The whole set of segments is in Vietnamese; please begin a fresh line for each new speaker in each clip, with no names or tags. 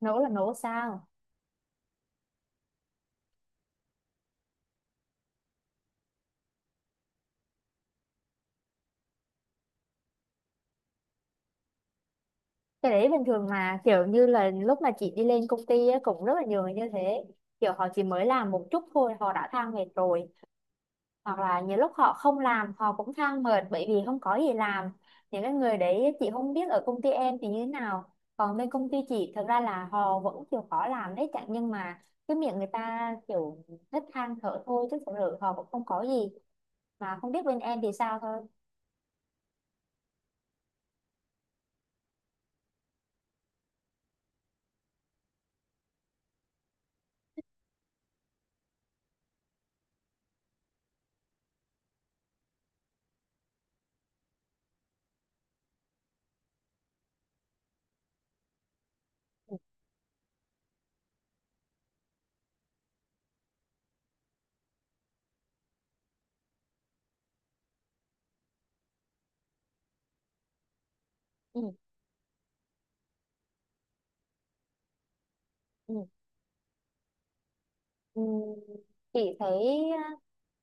Nấu là nấu sao? Cái đấy bình thường mà, kiểu như là lúc mà chị đi lên công ty á, cũng rất là nhiều người như thế. Kiểu họ chỉ mới làm một chút thôi họ đã than mệt rồi, hoặc là nhiều lúc họ không làm họ cũng than mệt bởi vì không có gì làm. Những cái người đấy chị không biết ở công ty em thì như thế nào, còn bên công ty chị thực ra là họ vẫn chịu khó làm đấy chẳng, nhưng mà cái miệng người ta kiểu thích than thở thôi chứ thực sự họ cũng không có gì. Mà không biết bên em thì sao thôi. Ừ. Ừ. Ừ. Ừ, chị thấy á,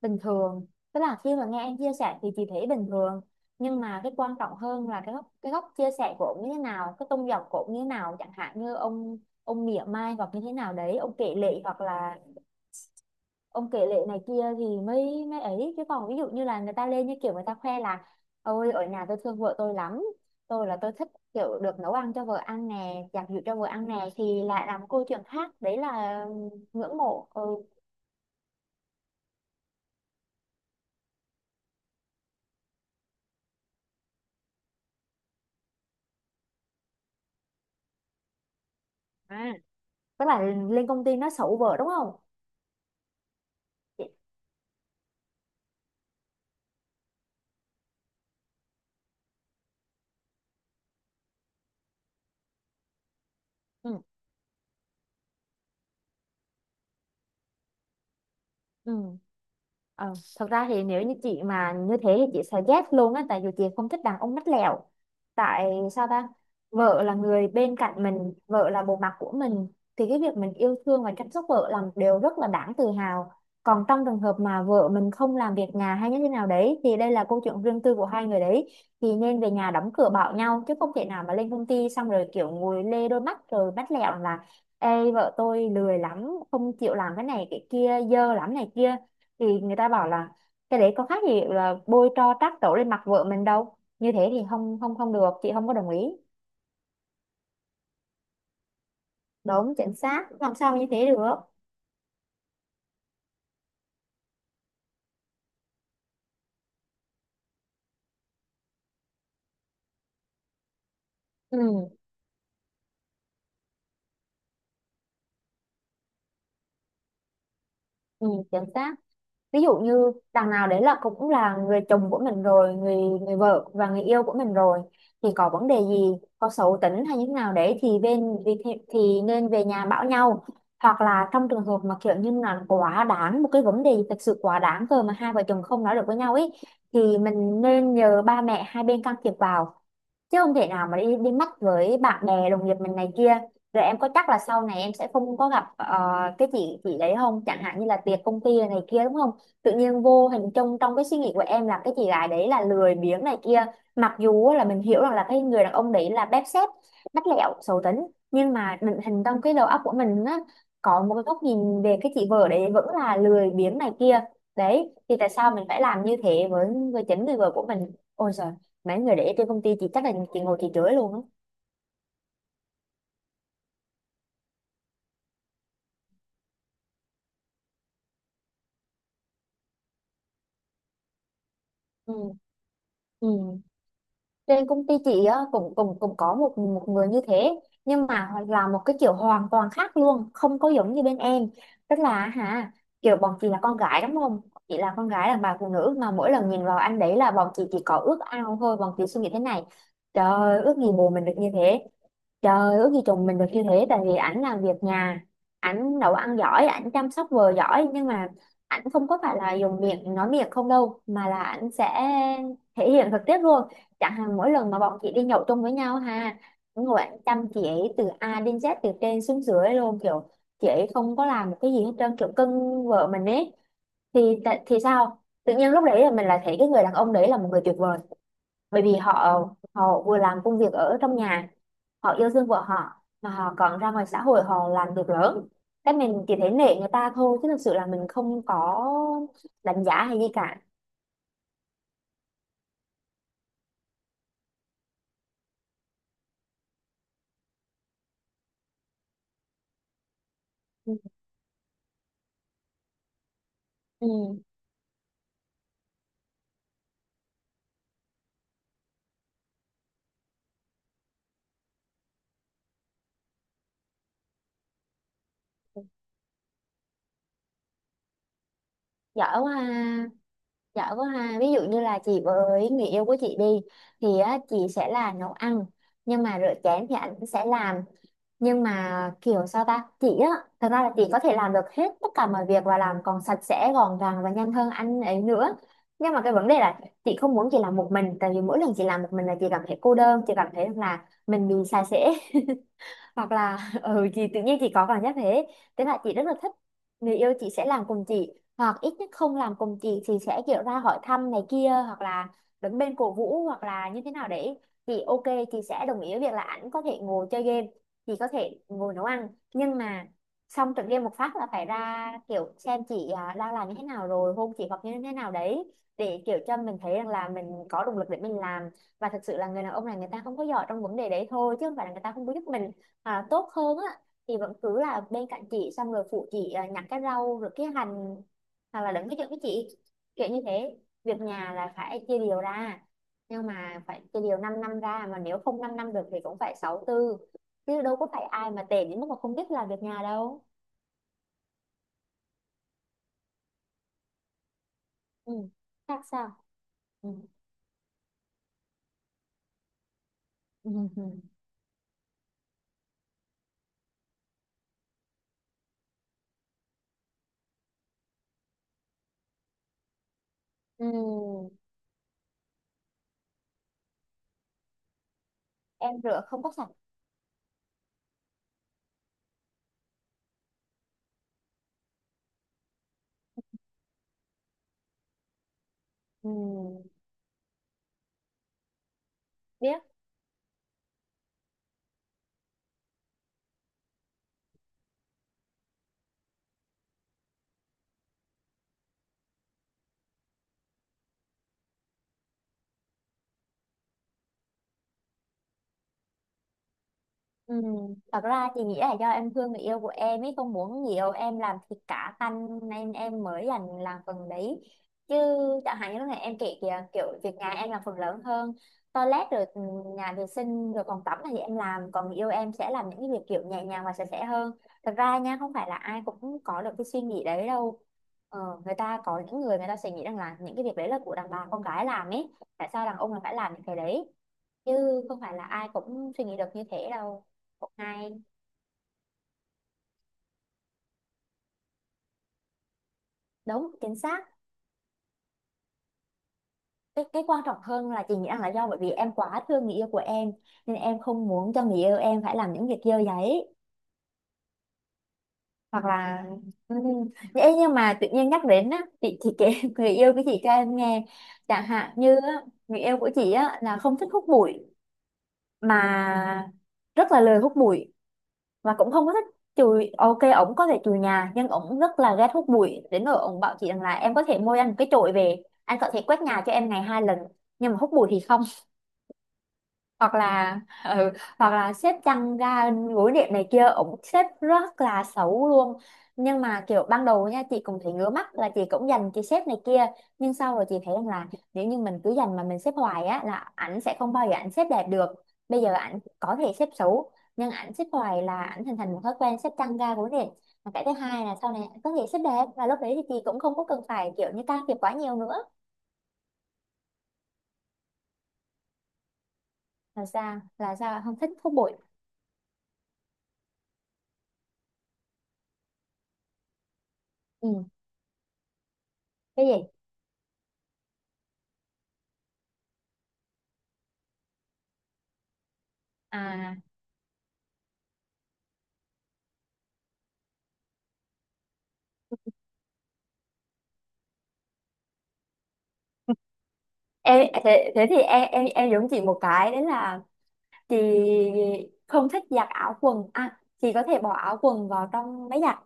bình thường, tức là khi mà nghe em chia sẻ thì chị thấy bình thường. Nhưng mà cái quan trọng hơn là cái góc, cái góc chia sẻ của ông như thế nào, cái tông dòng của ông như thế nào, chẳng hạn như ông mỉa mai hoặc như thế nào đấy, ông kể lể, hoặc là ông kể lể này kia thì mới mới ấy. Chứ còn ví dụ như là người ta lên như kiểu người ta khoe là ôi ở nhà tôi thương vợ tôi lắm, tôi là tôi thích kiểu được nấu ăn cho vợ ăn nè, giặt giũ cho vợ ăn nè, thì lại làm câu chuyện khác đấy, là ngưỡng mộ. Ừ. Tức là lên công ty nó sụ vợ đúng không? Chị- ừ. Ừ. Ờ, thật ra thì nếu như chị mà như thế thì chị sẽ ghét luôn á, tại vì chị không thích đàn ông mắt lẹo. Tại sao ta? Vợ là người bên cạnh mình, vợ là bộ mặt của mình, thì cái việc mình yêu thương và chăm sóc vợ là một điều rất là đáng tự hào. Còn trong trường hợp mà vợ mình không làm việc nhà hay như thế nào đấy thì đây là câu chuyện riêng tư của hai người đấy, thì nên về nhà đóng cửa bảo nhau, chứ không thể nào mà lên công ty xong rồi kiểu ngồi lê đôi mắt rồi bắt lẹo là ê vợ tôi lười lắm, không chịu làm cái này cái kia, dơ lắm này kia, thì người ta bảo là cái đấy có khác gì là bôi tro trát tổ lên mặt vợ mình đâu. Như thế thì không, không, không được, chị không có đồng ý. Đúng, chính xác, làm sao như thế được. Ừ. Ừ, chính xác. Ví dụ như đằng nào đấy là cũng là người chồng của mình rồi, người người vợ và người yêu của mình rồi, thì có vấn đề gì, có xấu tính hay như thế nào đấy thì bên thì nên về nhà bảo nhau. Hoặc là trong trường hợp mà kiểu như là quá đáng một cái vấn đề gì thật sự quá đáng cơ, mà hai vợ chồng không nói được với nhau ấy, thì mình nên nhờ ba mẹ hai bên can thiệp vào, chứ không thể nào mà đi đi mắt với bạn bè đồng nghiệp mình này kia. Rồi em có chắc là sau này em sẽ không có gặp cái chị đấy không, chẳng hạn như là tiệc công ty này kia đúng không? Tự nhiên vô hình trong trong cái suy nghĩ của em là cái chị gái đấy là lười biếng này kia, mặc dù là mình hiểu rằng là cái người đàn ông đấy là bép xép, bắt lẹo xấu tính, nhưng mà định hình trong cái đầu óc của mình á, có một cái góc nhìn về cái chị vợ đấy vẫn là lười biếng này kia. Đấy thì tại sao mình phải làm như thế với chính người vợ của mình. Ôi trời, mấy người để trên công ty chị chắc là chị ngồi chị chửi luôn á. Ừ. Ừ. Trên công ty chị á cũng cũng cũng có một một người như thế, nhưng mà là một cái kiểu hoàn toàn khác luôn, không có giống như bên em. Tức là hả, kiểu bọn chị là con gái đúng không? Chị là con gái, là bà phụ nữ, mà mỗi lần nhìn vào anh đấy là bọn chị chỉ có ước ao thôi. Bọn chị suy nghĩ thế này, trời ơi, ước gì bồ mình được như thế. Trời, ước gì chồng mình được như thế. Tại vì ảnh làm việc nhà, ảnh nấu ăn giỏi, ảnh chăm sóc vợ giỏi, nhưng mà ảnh không có phải là dùng miệng nói miệng không đâu, mà là ảnh sẽ thể hiện thực tiết luôn. Chẳng hạn mỗi lần mà bọn chị đi nhậu chung với nhau ha, ngồi ảnh chăm chị ấy từ A đến Z, từ trên xuống dưới luôn, kiểu chị ấy không có làm một cái gì hết trơn, kiểu cưng vợ mình ấy. Thì sao tự nhiên lúc đấy là mình lại thấy cái người đàn ông đấy là một người tuyệt vời. Bởi vì họ họ vừa làm công việc ở trong nhà, họ yêu thương vợ họ, mà họ còn ra ngoài xã hội họ làm việc lớn, cái mình chỉ thấy nể người ta thôi, chứ thực sự là mình không có đánh giá hay gì cả. Ừ. Ừ. Giỏi quá ha. Giỏi quá ha, ví dụ như là chị với người yêu của chị đi, thì á, chị sẽ là nấu ăn, nhưng mà rửa chén thì anh sẽ làm. Nhưng mà kiểu sao ta chị á, thật ra là chị có thể làm được hết tất cả mọi việc, và làm còn sạch sẽ gọn gàng và nhanh hơn anh ấy nữa. Nhưng mà cái vấn đề là chị không muốn chị làm một mình, tại vì mỗi lần chị làm một mình là chị cảm thấy cô đơn, chị cảm thấy là mình bị xa xỉ. Hoặc là ừ, chị tự nhiên chị có cảm giác thế. Thế là chị rất là thích người yêu chị sẽ làm cùng chị, hoặc ít nhất không làm cùng chị thì sẽ kiểu ra hỏi thăm này kia, hoặc là đứng bên cổ vũ, hoặc là như thế nào, để chị ok. Chị sẽ đồng ý với việc là ảnh có thể ngồi chơi game, chị có thể ngồi nấu ăn, nhưng mà xong trận game một phát là phải ra kiểu xem chị à, đang làm như thế nào, rồi hôn chị hoặc như thế nào đấy, để kiểu cho mình thấy rằng là mình có động lực để mình làm. Và thực sự là người đàn ông này người ta không có giỏi trong vấn đề đấy thôi, chứ không phải là người ta không có giúp mình. À, tốt hơn á, thì vẫn cứ là bên cạnh chị xong rồi phụ chị à, nhặt cái rau rồi cái hành, hoặc là đựng cái chuyện với chị, kiểu như thế. Việc nhà là phải chia đều ra, nhưng mà phải chia đều 5 năm năm ra, mà nếu không 5 năm năm được thì cũng phải 6 tư. Chứ đâu có phải ai mà tệ đến mức mà không biết làm việc nhà đâu. Ừ. Khác sao? Ừ. Ừ. Ừ. Em rửa không có sạch. Ừ. Biết. Ừ. Thật ra chị nghĩ là do em thương người yêu của em ấy, không muốn nhiều em làm thịt cá tanh, nên em mới làm phần đấy. Chứ chẳng hạn như lúc này em kể kìa, kiểu việc nhà em làm phần lớn hơn, toilet rồi ừ, nhà vệ sinh rồi phòng tắm là gì em làm, còn người yêu em sẽ làm những cái việc kiểu nhẹ nhàng và sạch sẽ hơn. Thật ra nha, không phải là ai cũng có được cái suy nghĩ đấy đâu. Ờ, người ta có những người người ta sẽ nghĩ rằng là những cái việc đấy là của đàn bà con gái làm ấy, tại sao đàn ông là phải làm những cái đấy. Chứ không phải là ai cũng suy nghĩ được như thế đâu. Hay. Đúng, chính xác. Cái quan trọng hơn là chị nghĩ rằng là do bởi vì em quá thương người yêu của em, nên em không muốn cho người yêu em phải làm những việc dơ giấy, hoặc là ừ. Ê, nhưng mà tự nhiên nhắc đến á, chị kể người yêu của chị cho em nghe. Chẳng hạn như á, người yêu của chị á là không thích hút bụi mà, rất là lười hút bụi, và cũng không có thích chùi. Ok, ổng có thể chùi nhà, nhưng ổng rất là ghét hút bụi, đến nỗi ổng bảo chị rằng là em có thể mua anh một cái chổi về, anh có thể quét nhà cho em ngày hai lần, nhưng mà hút bụi thì không. Hoặc là ừ, hoặc là xếp chăn ga gối đệm này kia, ổng xếp rất là xấu luôn. Nhưng mà kiểu ban đầu nha, chị cũng thấy ngứa mắt là chị cũng dành cái xếp này kia. Nhưng sau rồi chị thấy rằng là nếu như mình cứ dành mà mình xếp hoài á là ảnh sẽ không bao giờ ảnh xếp đẹp được. Bây giờ ảnh có thể xếp xấu, nhưng ảnh xếp hoài là ảnh hình thành một thói quen xếp chăn ga gối đệm. Và cái thứ hai là sau này ảnh có thể xếp đẹp, và lúc đấy thì chị cũng không có cần phải kiểu như can thiệp quá nhiều nữa. Là sao, là sao, không thích thuốc bụi? Ừ. Cái gì? À, em thế thì em giống chị một cái đấy là chị không thích giặt áo quần à. Chị có thể bỏ áo quần vào trong máy giặt,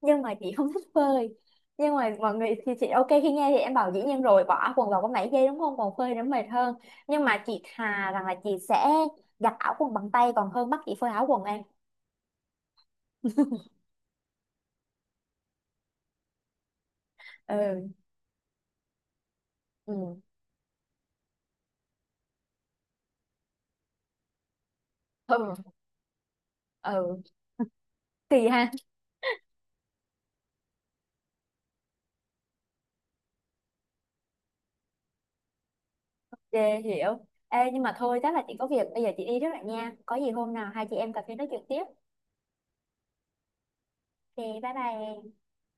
nhưng mà chị không thích phơi. Nhưng mà mọi người thì chị ok, khi nghe thì em bảo dĩ nhiên rồi, bỏ áo quần vào có máy giây đúng không, còn phơi nó mệt hơn. Nhưng mà chị thà rằng là chị sẽ giặt áo quần bằng tay, còn hơn bắt chị phơi áo quần em. Ừ. Ừ. Ừ, ừ. Kỳ ha. Dê, hiểu. Ê, nhưng mà thôi chắc là chị có việc, bây giờ chị đi trước lại nha, có gì hôm nào hai chị em cà phê nói chuyện tiếp. Thì bye bye em.